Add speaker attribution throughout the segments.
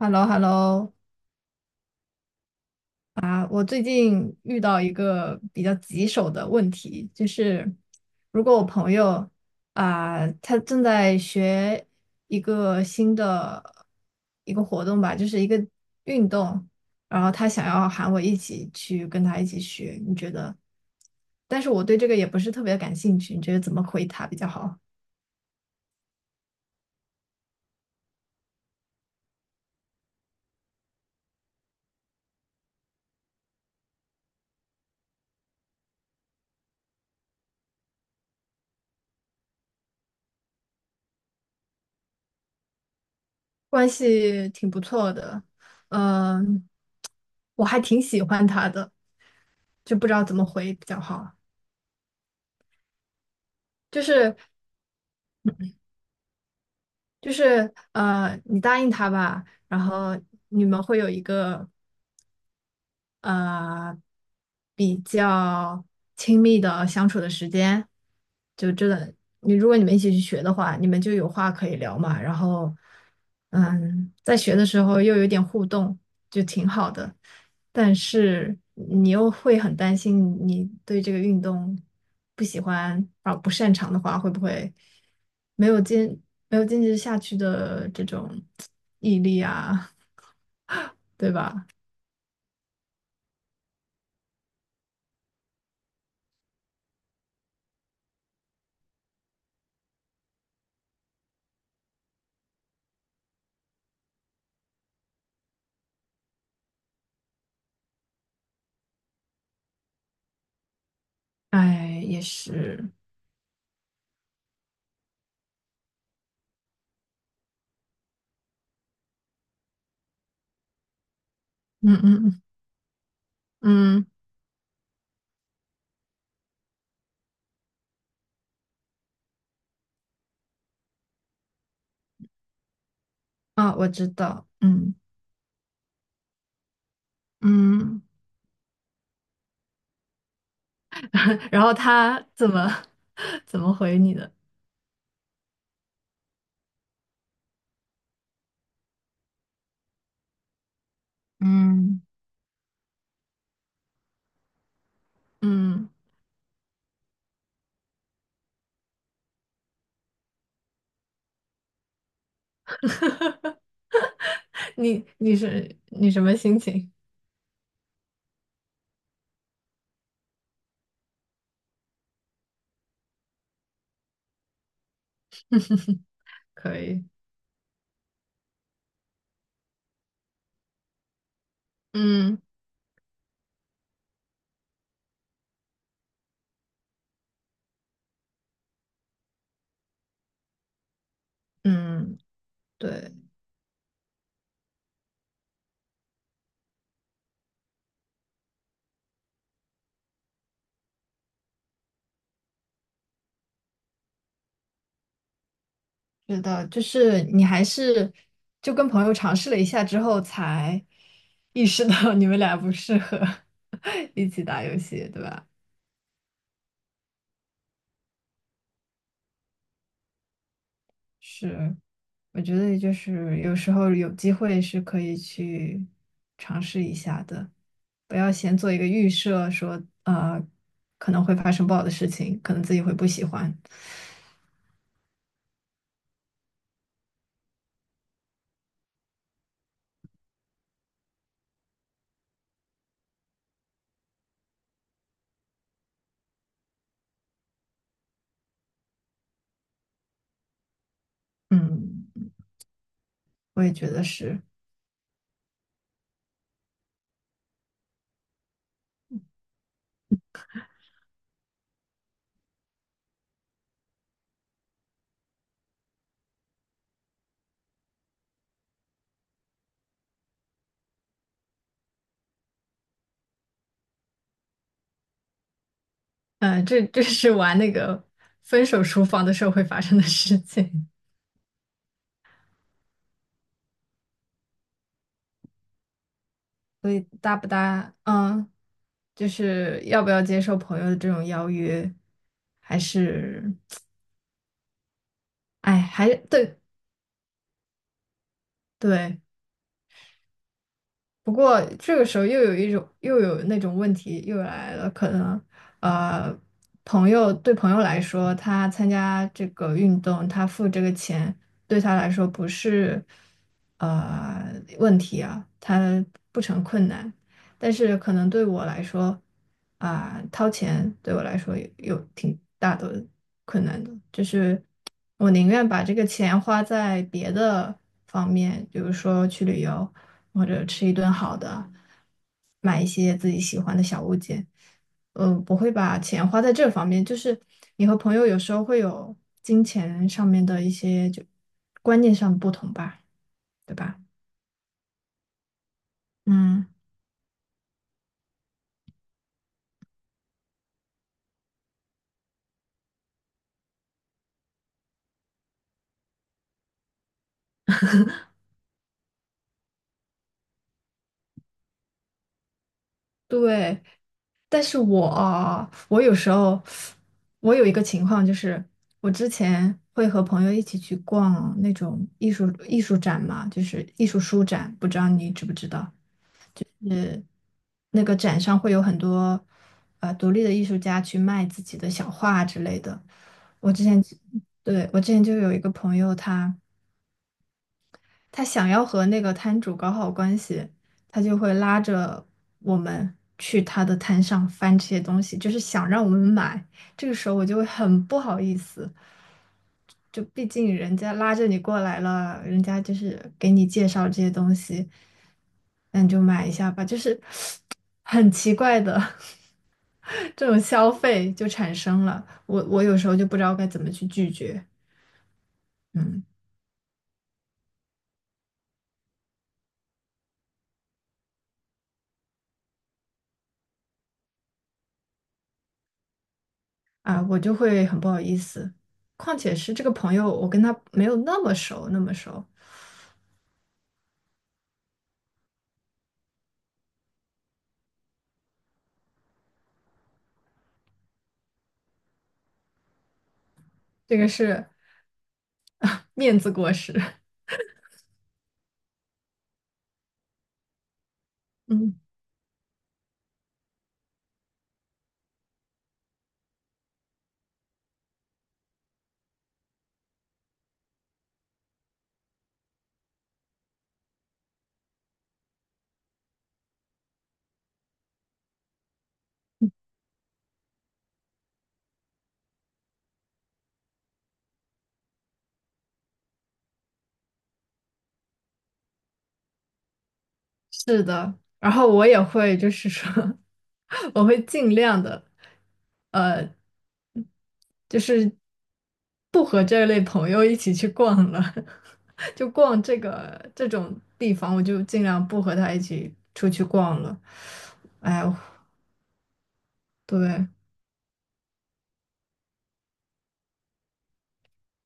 Speaker 1: hello hello。 啊，我最近遇到一个比较棘手的问题，就是如果我朋友他正在学一个新的一个活动吧，就是一个运动，然后他想要喊我一起去跟他一起学，你觉得？但是我对这个也不是特别感兴趣，你觉得怎么回他比较好？关系挺不错的，嗯，我还挺喜欢他的，就不知道怎么回比较好。就是就是,你答应他吧，然后你们会有一个呃比较亲密的相处的时间，就真的如果你们一起去学的话，你们就有话可以聊嘛，然后嗯，在学的时候又有点互动，就挺好的。但是你又会很担心，你对这个运动不喜欢啊不擅长的话，会不会没有坚没有坚持下去的这种毅力啊，对吧？哎，也是，嗯嗯嗯。嗯，啊，我知道，嗯嗯，然后他怎么 怎么回你的？嗯，嗯，你是什么心情？可以，嗯嗯，对，知道，就是你还是就跟朋友尝试了一下之后，才意识到你们俩不适合 一起打游戏，对吧？是，我觉得就是有时候有机会是可以去尝试一下的，不要先做一个预设说，可能会发生不好的事情，可能自己会不喜欢。嗯，我也觉得是，嗯、这是玩那个分手厨房的时候会发生的事情。所以搭不搭，嗯，就是要不要接受朋友的这种邀约，还是，哎，还对对。不过这个时候又有一种又有那种问题又来了，可能呃，朋友对朋友来说，他参加这个运动，他付这个钱对他来说不是呃问题啊，他不成困难。但是可能对我来说，啊、掏钱对我来说有挺大的困难的，就是我宁愿把这个钱花在别的方面，比如说去旅游，或者吃一顿好的，买一些自己喜欢的小物件，嗯、不会把钱花在这方面。就是你和朋友有时候会有金钱上面的一些就观念上的不同吧，对吧？嗯，对。但是我我有时候我有一个情况，就是我之前会和朋友一起去逛那种艺术展嘛，就是艺术书展，不知道你知不知道？那个展上会有很多独立的艺术家去卖自己的小画之类的。我之前对我之前就有一个朋友他。他想要和那个摊主搞好关系，他就会拉着我们去他的摊上翻这些东西，就是想让我们买。这个时候我就会很不好意思，就毕竟人家拉着你过来了，人家就是给你介绍这些东西，那你就买一下吧，就是 很奇怪的 这种消费就产生了。我有时候就不知道该怎么去拒绝，嗯。啊，我就会很不好意思。况且是这个朋友，我跟他没有那么熟，那么熟，这个是 面子过时。嗯，是的。然后我也会，就是说，我会尽量的，呃，就是不和这类朋友一起去逛了，就逛这个这种地方，我就尽量不和他一起出去逛了。哎，呦，对。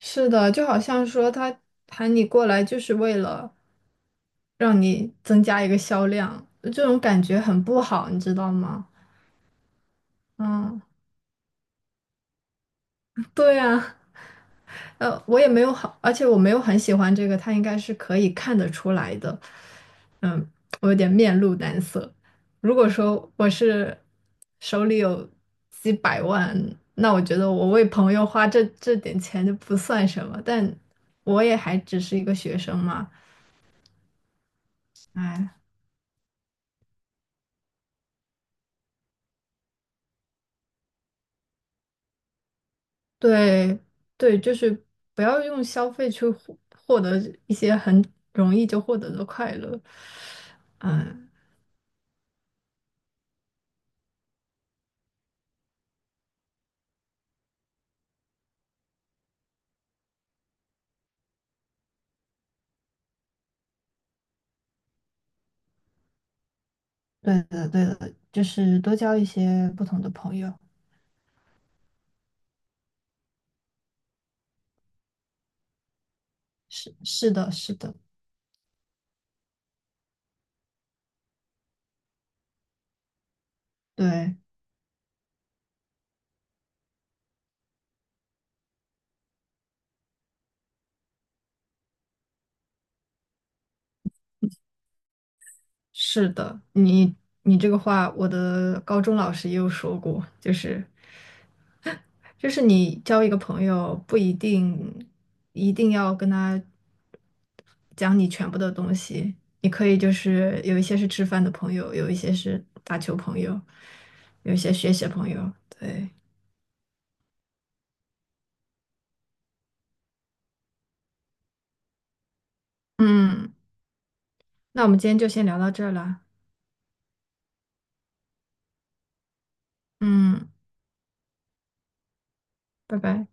Speaker 1: 是的，就好像说他喊你过来就是为了让你增加一个销量，这种感觉很不好，你知道吗？嗯，对啊，我也没有好，而且我没有很喜欢这个，他应该是可以看得出来的。嗯，我有点面露难色。如果说我是手里有几百万，那我觉得我为朋友花这这点钱就不算什么，但我也还只是一个学生嘛。哎，对对，就是不要用消费去获得一些很容易就获得的快乐。嗯，对的对的，就是多交一些不同的朋友。是是的，是的，对，是的。你你这个话，我的高中老师也有说过，就是就是你交一个朋友，不一定一定要跟他。讲你全部的东西。你可以就是有一些是吃饭的朋友，有一些是打球朋友，有一些学习朋友。对，嗯，那我们今天就先聊到这儿了。嗯，拜拜。